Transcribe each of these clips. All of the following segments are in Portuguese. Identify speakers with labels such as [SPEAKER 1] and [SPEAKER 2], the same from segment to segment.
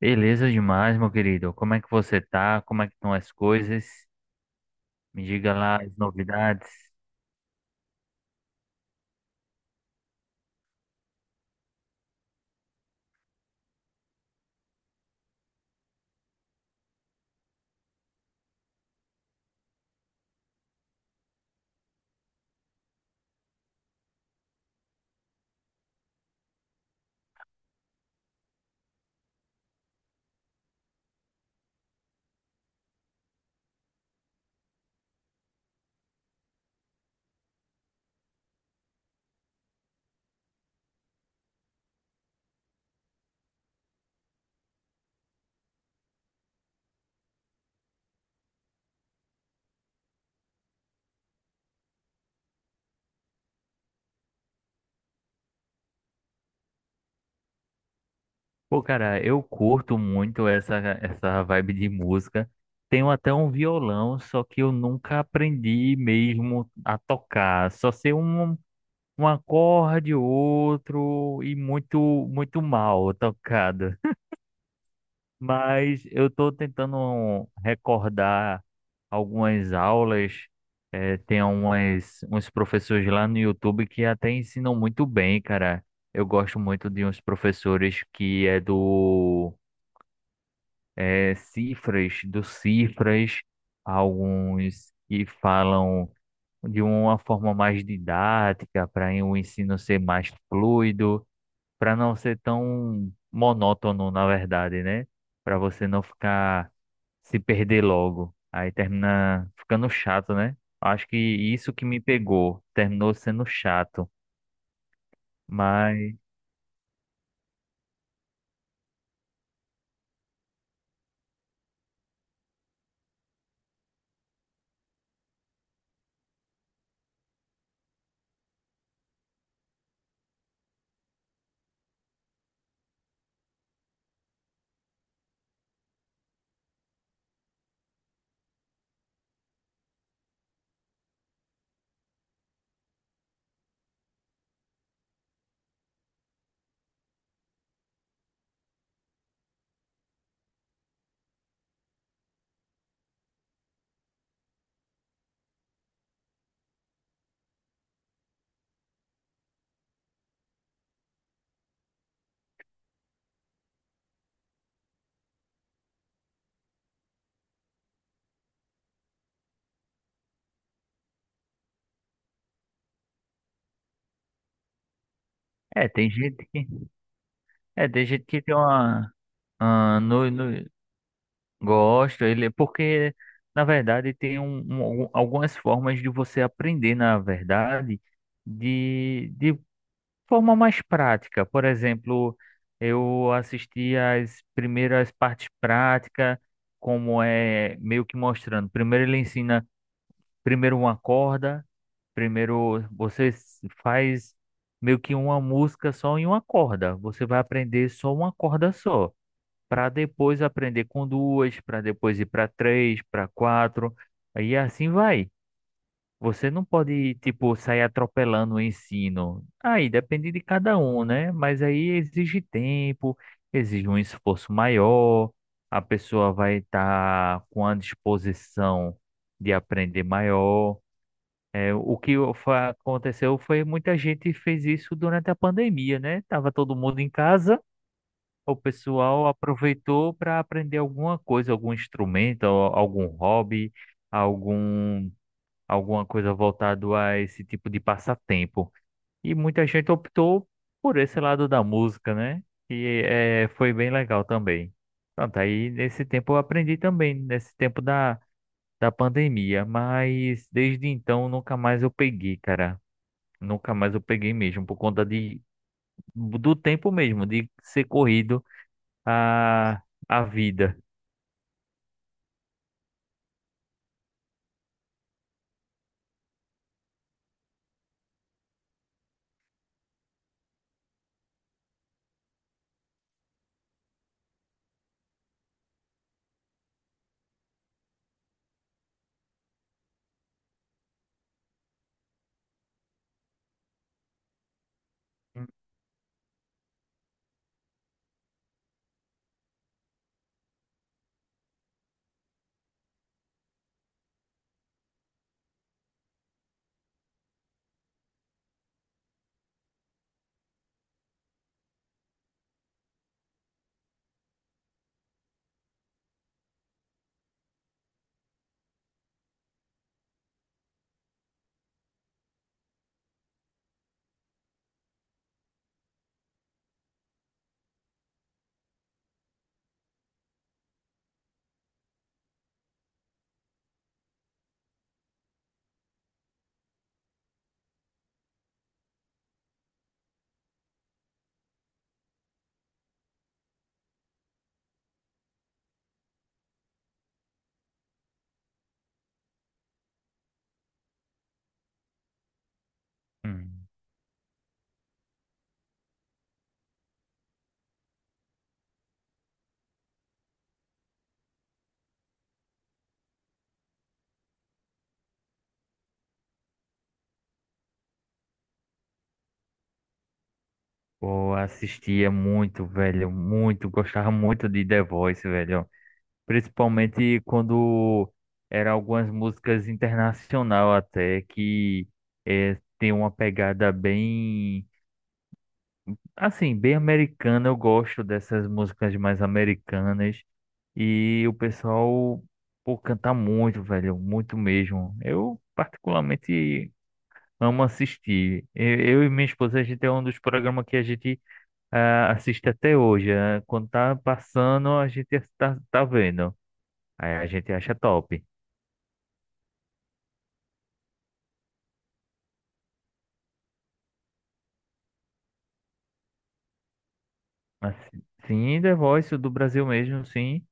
[SPEAKER 1] Beleza demais, meu querido. Como é que você tá? Como é que estão as coisas? Me diga lá as novidades. Pô, cara, eu curto muito essa vibe de música. Tenho até um violão, só que eu nunca aprendi mesmo a tocar. Só sei um, um acorde, outro e muito, muito mal tocado. Mas eu estou tentando recordar algumas aulas. Tem umas, uns professores lá no YouTube que até ensinam muito bem, cara. Eu gosto muito de uns professores que é do Cifras, do Cifras, alguns que falam de uma forma mais didática para o ensino ser mais fluido, para não ser tão monótono, na verdade, né? Para você não ficar se perder logo. Aí termina ficando chato, né? Acho que isso que me pegou, terminou sendo chato. Mas é, tem gente que é, tem gente que tem uma ah, no, no, gosta, ele é porque na verdade tem um, algum- algumas formas de você aprender, na verdade, de forma mais prática. Por exemplo, eu assisti as primeiras partes práticas, como é meio que mostrando. Primeiro ele ensina primeiro uma corda, primeiro você s- faz meio que uma música só em uma corda. Você vai aprender só uma corda só, para depois aprender com duas, para depois ir para três, para quatro, e assim vai. Você não pode, tipo, sair atropelando o ensino. Aí depende de cada um, né? Mas aí exige tempo, exige um esforço maior, a pessoa vai estar com a disposição de aprender maior. É, o que aconteceu foi muita gente fez isso durante a pandemia, né? Tava todo mundo em casa, o pessoal aproveitou para aprender alguma coisa, algum instrumento, algum hobby, algum alguma coisa voltado a esse tipo de passatempo. E muita gente optou por esse lado da música, né? E é, foi bem legal também. Pronto, aí nesse tempo eu aprendi também, nesse tempo da pandemia, mas desde então nunca mais eu peguei, cara. Nunca mais eu peguei mesmo, por conta do tempo mesmo, de ser corrido a, a vida. Hum. Pô, assistia muito, velho, muito, gostava muito de The Voice, velho. Principalmente quando eram algumas músicas internacional até, que tem uma pegada bem, assim, bem americana. Eu gosto dessas músicas mais americanas. E o pessoal, pô, canta muito, velho, muito mesmo. Eu, particularmente, amo assistir. Eu e minha esposa, a gente é um dos programas que a gente, assiste até hoje. Quando tá passando, a gente tá, tá vendo. Aí a gente acha top. Assim, sim, The Voice do Brasil mesmo, sim.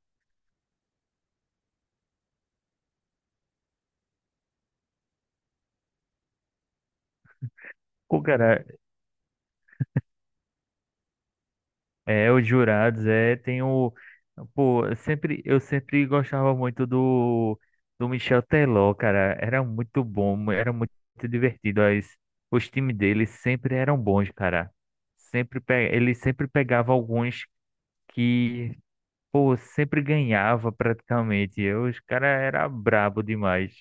[SPEAKER 1] Pô, cara, é, os jurados, é, tem o... Pô, eu sempre gostava muito do Michel Teló, cara. Era muito bom, era muito divertido. As, os times dele sempre eram bons, cara. Sempre, ele sempre pegava alguns que, pô, sempre ganhava praticamente. Eu, os cara era brabo demais.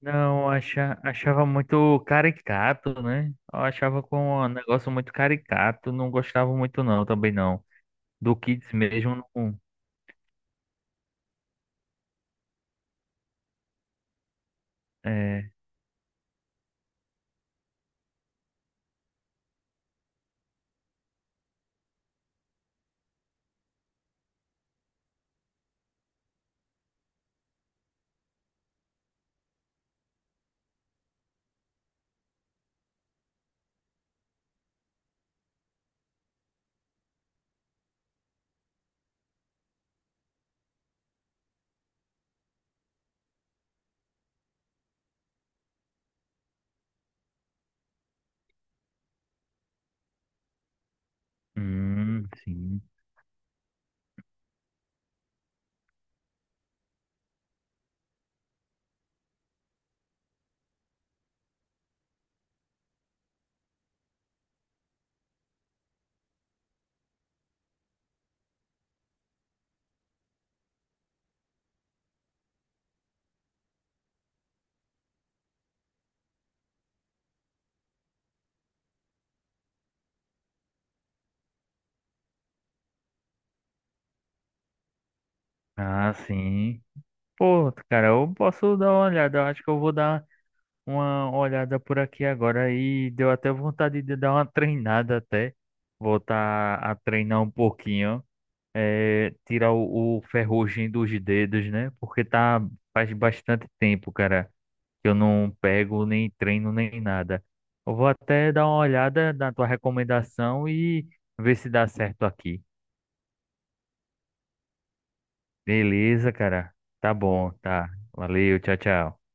[SPEAKER 1] Não, acha, achava muito caricato, né? Eu achava com um negócio muito caricato, não gostava muito não, também não. Do Kids mesmo, não. É. Sim. Ah, sim. Pô, cara, eu posso dar uma olhada. Eu acho que eu vou dar uma olhada por aqui agora e deu até vontade de dar uma treinada até. Voltar a treinar um pouquinho. É, tirar o ferrugem dos dedos, né? Porque tá faz bastante tempo, cara. Eu não pego nem treino nem nada. Eu vou até dar uma olhada na tua recomendação e ver se dá certo aqui. Beleza, cara? Tá bom, tá. Valeu, tchau, tchau.